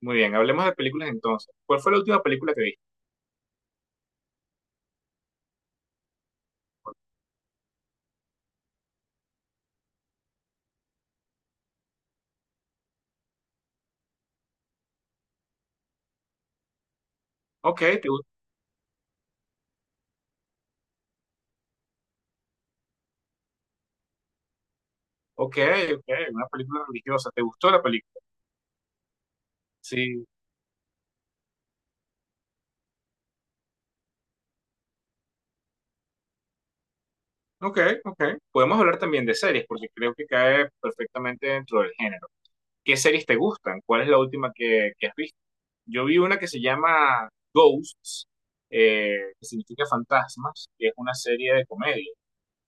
Muy bien, hablemos de películas entonces. ¿Cuál fue la última película que viste? Ok, te gustó. Ok, ok, una película religiosa. ¿Te gustó la película? Sí. Ok, ok. Podemos hablar también de series, porque creo que cae perfectamente dentro del género. ¿Qué series te gustan? ¿Cuál es la última que has visto? Yo vi una que se llama Ghosts, que significa fantasmas, que es una serie de comedia.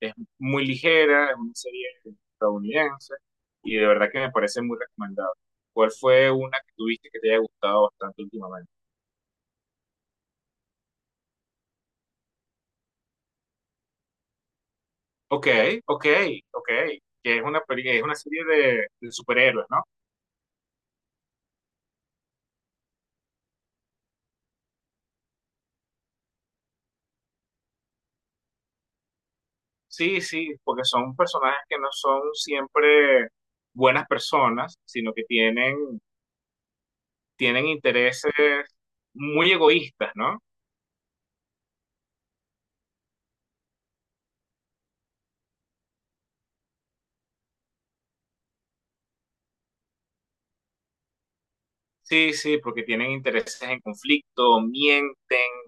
Es muy ligera, es una serie estadounidense y de verdad que me parece muy recomendable. ¿Cuál fue una que tuviste que te haya gustado bastante últimamente? Ok, ok, ok. Que es es una serie de superhéroes, ¿no? Sí, sí, porque son personajes que no son siempre buenas personas, sino que tienen intereses muy egoístas, ¿no? Sí, sí, porque tienen intereses en conflicto, mienten,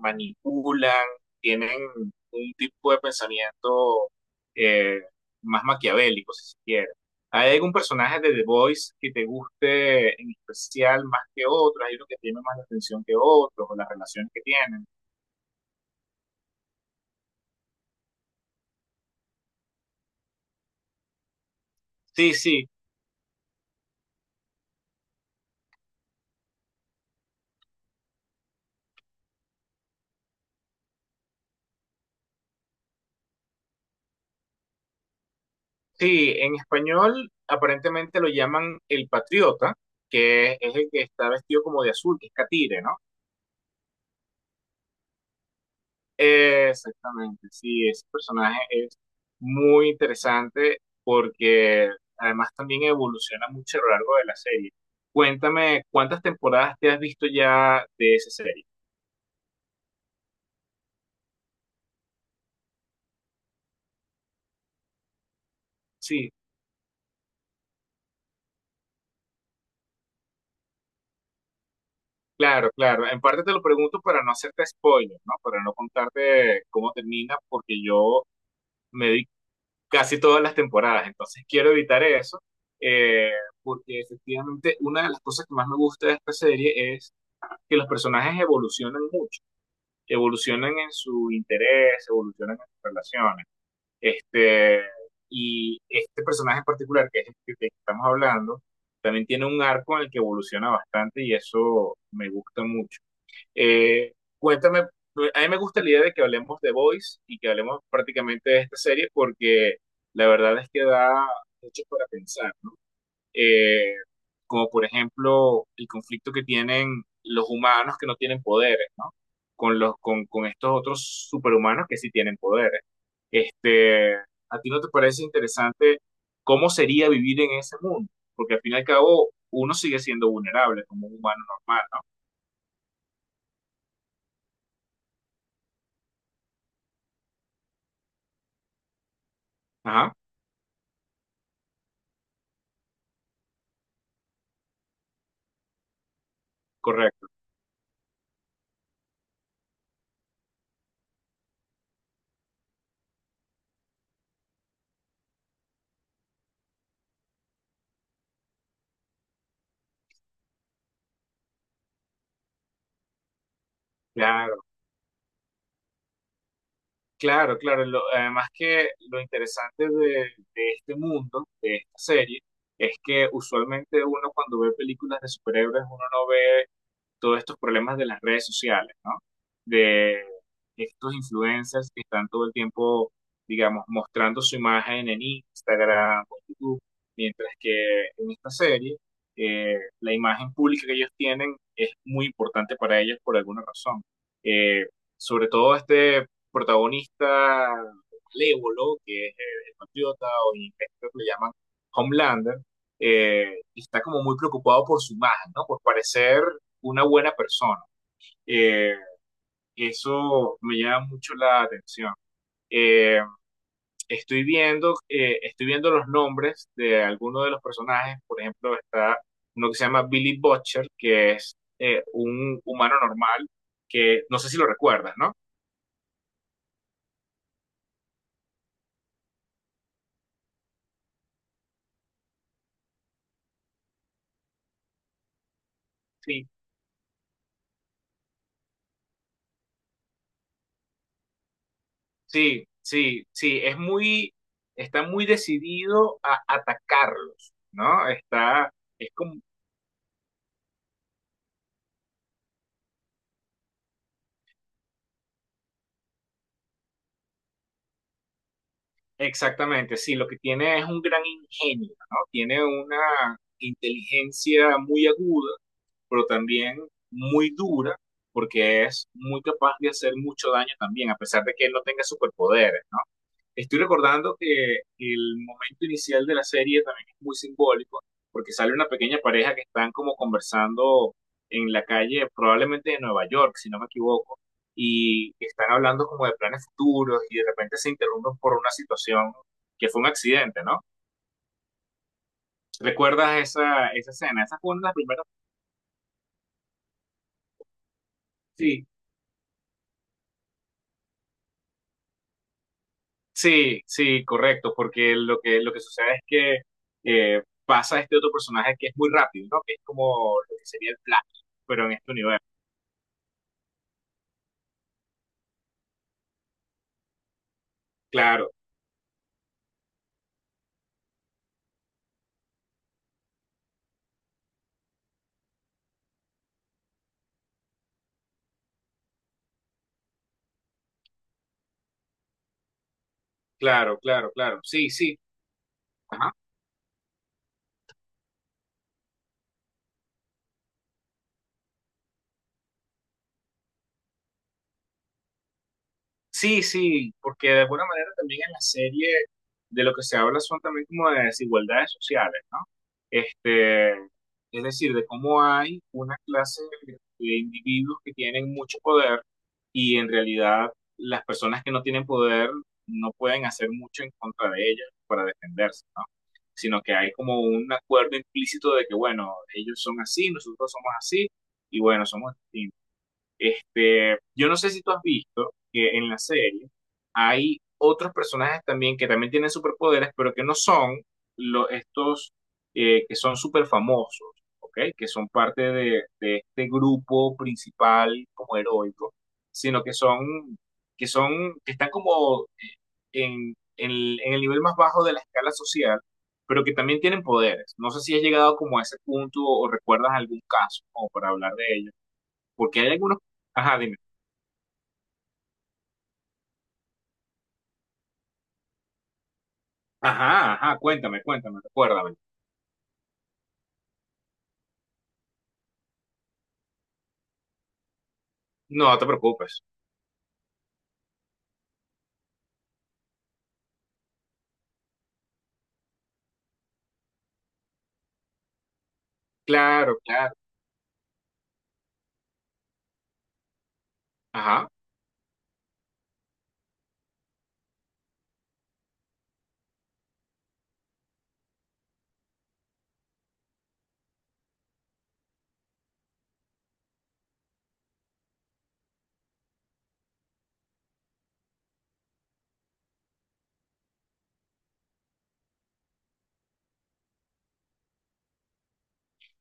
manipulan, tienen un tipo de pensamiento eh, más maquiavélico, si se quiere. ¿Hay algún personaje de The Voice que te guste en especial más que otro? ¿Hay uno que tiene más la atención que otros o las relaciones que tienen? Sí, sí, sí. En español aparentemente lo llaman el patriota, que es el que está vestido como de azul, que es catire, ¿no? Exactamente, sí, ese personaje es muy interesante porque además también evoluciona mucho a lo largo de la serie. Cuéntame, ¿cuántas temporadas te has visto ya de esa serie? Sí, claro, claro. En parte te lo pregunto para no hacerte spoiler, ¿no? Para no contarte cómo termina, porque yo me vi casi todas las temporadas, entonces quiero evitar eso, eh, porque efectivamente una de las cosas que más me gusta de esta serie es que los personajes evolucionan mucho. Evolucionan en su interés, evolucionan en sus relaciones. Este, y este personaje en particular, que es el que estamos hablando, también tiene un arco en el que evoluciona bastante y eso me gusta mucho. Eh, cuéntame, a mí me gusta la idea de que hablemos de Boys y que hablemos prácticamente de esta serie porque la verdad es que da mucho para pensar, eh, como por ejemplo el conflicto que tienen los humanos que no tienen poderes, ¿no? Con estos otros superhumanos que sí tienen poderes. Este, ¿a ti no te parece interesante cómo sería vivir en ese mundo? Porque al fin y al cabo uno sigue siendo vulnerable como un humano normal, ¿no? Ajá, correcto. Claro. Claro, claro. Además que lo interesante de, este mundo, de esta serie, es que usualmente uno cuando ve películas de superhéroes, uno no ve todos estos problemas de las redes sociales, ¿no? De estos influencers que están todo el tiempo, digamos, mostrando su imagen en Instagram o YouTube, mientras que en esta serie, la imagen pública que ellos tienen es muy importante para ellos por alguna razón. Eh, sobre todo este protagonista malévolo, que es, el patriota o en inglés creo que lo llaman Homelander, está como muy preocupado por su imagen, ¿no? Por parecer una buena persona. Eh, eso me llama mucho la atención. Eh, estoy viendo los nombres de algunos de los personajes. Por ejemplo, está uno que se llama Billy Butcher, que es, un humano normal, que no sé si lo recuerdas, ¿no? Sí, sí, sí, sí. Está muy decidido a atacarlos, ¿no? Es como. Exactamente, sí, lo que tiene es un gran ingenio, ¿no? Tiene una inteligencia muy aguda, pero también muy dura, porque es muy capaz de hacer mucho daño también, a pesar de que él no tenga superpoderes, ¿no? Estoy recordando que el momento inicial de la serie también es muy simbólico, porque sale una pequeña pareja que están como conversando en la calle, probablemente de Nueva York, si no me equivoco, y están hablando como de planes futuros y de repente se interrumpen por una situación que fue un accidente, ¿no? ¿Recuerdas esa escena? Esa fue una de las primeras. Sí, sí, sí, correcto, porque lo que, sucede es que, pasa este otro personaje que es muy rápido, ¿no? Que es como lo que sería el Flash, pero en este universo. Claro, claro, claro, claro. Sí, sí. Ajá. Sí, sí, porque de alguna manera también en la serie de lo que se habla son también como de desigualdades sociales, ¿no? Este, es decir, de cómo hay una clase de individuos que tienen mucho poder y en realidad las personas que no tienen poder no pueden hacer mucho en contra de ellas para defenderse, ¿no? Sino que hay como un acuerdo implícito de que, bueno, ellos son así, nosotros somos así, y bueno, somos distintos. Este, yo no sé si tú has visto que en la serie hay otros personajes también que también tienen superpoderes, pero que no son estos, que son súper famosos, ¿ok? Que son parte de, este grupo principal como heroico, sino que que están como, en el nivel más bajo de la escala social, pero que también tienen poderes. No sé si has llegado como a ese punto o recuerdas algún caso como para hablar de ello. Porque hay algunos. Ajá, dime. Ajá, ajá, cuéntame, cuéntame, recuérdame. No te preocupes. Claro, claro. Ajá.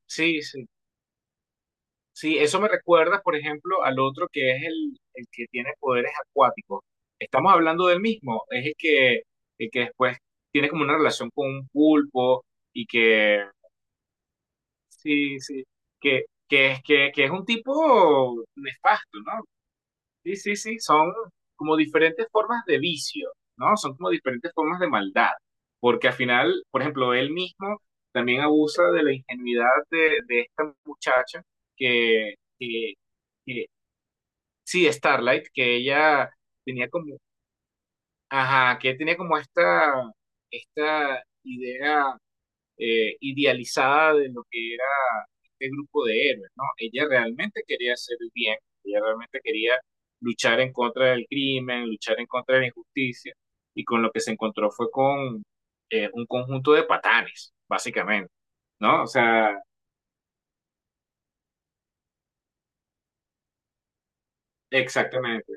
Sí, sí. Sí, eso me recuerda, por ejemplo, al otro que es el que tiene poderes acuáticos. Estamos hablando del mismo. Es el que después tiene como una relación con un pulpo y sí, sí, que, es un tipo nefasto, ¿no? Sí, sí, sí, son como diferentes formas de vicio, ¿no? Son como diferentes formas de maldad, porque al final, por ejemplo, él mismo también abusa de la ingenuidad de esta muchacha que, que- sí, Starlight, que ella tenía como, ajá, que tenía como esta idea, idealizada de lo que era este grupo de héroes, ¿no? Ella realmente quería hacer el bien, ella realmente quería luchar en contra del crimen, luchar en contra de la injusticia, y con lo que se encontró fue con, un conjunto de patanes, básicamente, ¿no? O sea, exactamente,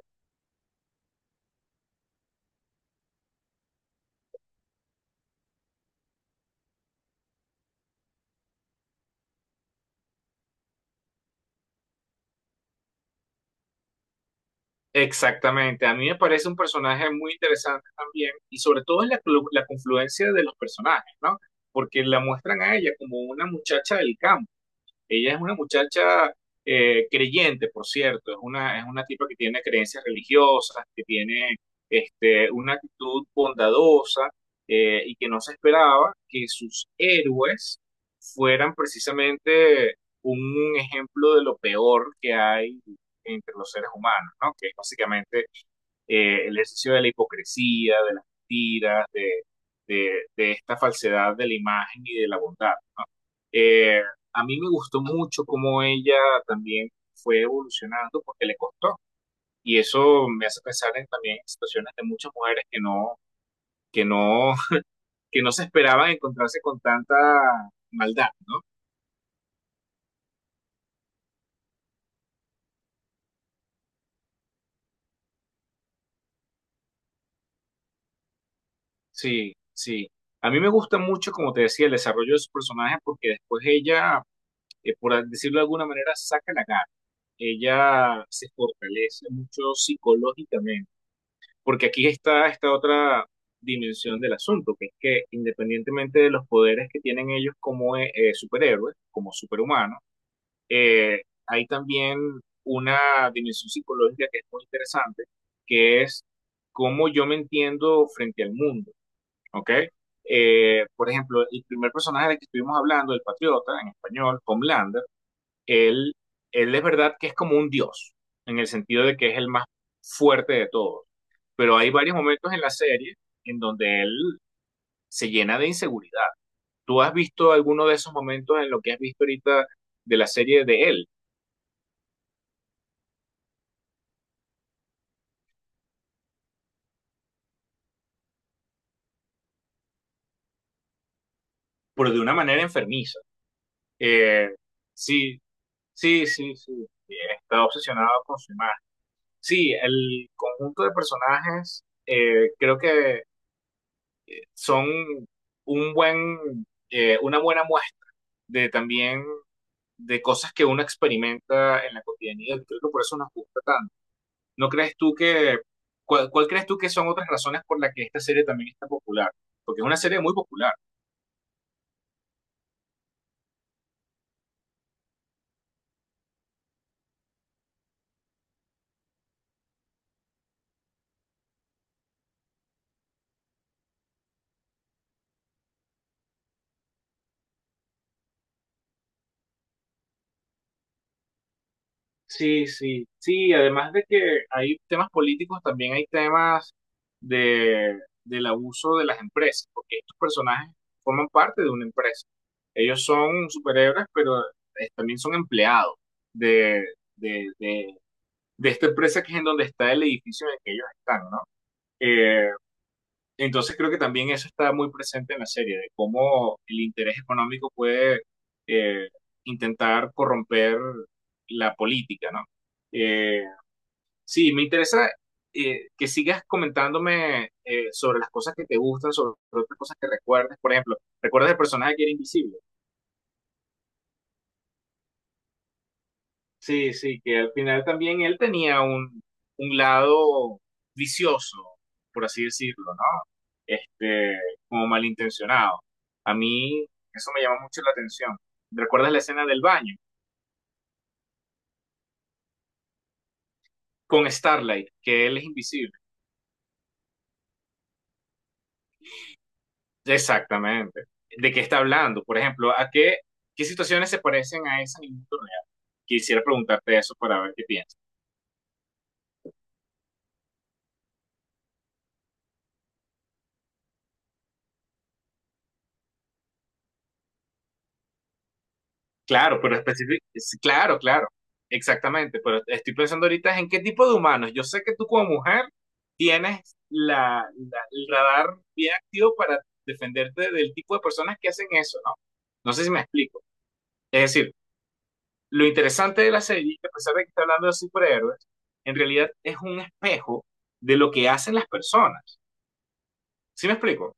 exactamente. A mí me parece un personaje muy interesante también, y sobre todo es la confluencia de los personajes, ¿no? Porque la muestran a ella como una muchacha del campo. Ella es una muchacha, creyente, por cierto, es una tipa que tiene creencias religiosas, que tiene una actitud bondadosa, y que no se esperaba que sus héroes fueran precisamente un ejemplo de lo peor que hay entre los seres humanos, ¿no? Que es básicamente, el ejercicio de la hipocresía, de las mentiras, de, de esta falsedad de la imagen y de la bondad. Eh, a mí me gustó mucho cómo ella también fue evolucionando porque le costó. Y eso me hace pensar en, también en situaciones de muchas mujeres que no, que no, que no se esperaban encontrarse con tanta maldad, ¿no? Sí, sí. A mí me gusta mucho, como te decía, el desarrollo de su personaje porque después ella, por decirlo de alguna manera, saca la cara. Ella se fortalece mucho psicológicamente. Porque aquí está esta otra dimensión del asunto, que es que independientemente de los poderes que tienen ellos como, superhéroes, como superhumanos, eh, hay también una dimensión psicológica que es muy interesante, que es cómo yo me entiendo frente al mundo, ¿ok? Por ejemplo, el primer personaje del que estuvimos hablando, el patriota, en español, Homelander, él, él es verdad que es como un dios, en el sentido de que es el más fuerte de todos, pero hay varios momentos en la serie en donde él se llena de inseguridad. ¿Tú has visto alguno de esos momentos en lo que has visto ahorita de la serie de él? Pero de una manera enfermiza. Eh, sí, sí, sí, sí. Está obsesionado con su imagen. Sí, el conjunto de personajes, creo que son un buen, una buena muestra de también de cosas que uno experimenta en la cotidianidad. Creo que por eso nos gusta tanto. ¿No crees tú cuál crees tú que son otras razones por las que esta serie también está popular? Porque es una serie muy popular. Sí, sí, sí, además de que hay temas políticos, también hay temas de, del abuso de las empresas, porque estos personajes forman parte de una empresa. Ellos son superhéroes, pero, también son empleados de, de, de, de esta empresa que es en donde está el edificio en el que ellos están, ¿no? Eh, Entonces creo que también eso está muy presente en la serie, de cómo el interés económico puede, eh, intentar corromper la política, ¿no? Eh, sí, me interesa, que sigas comentándome, sobre las cosas que te gustan, sobre otras cosas que recuerdes. Por ejemplo, ¿recuerdas el personaje que era invisible? Sí, sí, que al final también él tenía un lado vicioso, por así decirlo, ¿no? Este, como malintencionado. A mí eso me llama mucho la atención. ¿Recuerdas la escena del baño con Starlight, que él es invisible? Exactamente. ¿De qué está hablando? Por ejemplo, qué situaciones se parecen a esa en el mundo real? Quisiera preguntarte eso para ver qué piensas. Claro, pero específico, claro, claro, exactamente, pero estoy pensando ahorita es en qué tipo de humanos. Yo sé que tú como mujer tienes la, el radar bien activo para defenderte del tipo de personas que hacen eso, ¿no? No sé si me explico. Es decir, lo interesante de la serie, que a pesar de que está hablando de superhéroes, en realidad es un espejo de lo que hacen las personas. ¿Sí me explico?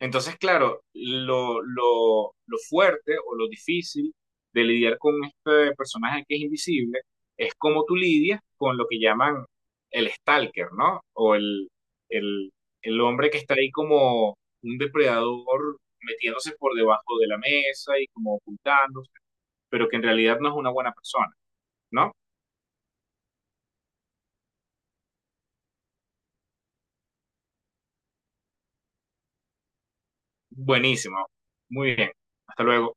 Entonces, claro, lo fuerte o lo difícil de lidiar con este personaje que es invisible es cómo tú lidias con lo que llaman el stalker, ¿no? O el, el hombre que está ahí como un depredador metiéndose por debajo de la mesa y como ocultándose, pero que en realidad no es una buena persona, ¿no? Buenísimo. Muy bien. Hasta luego.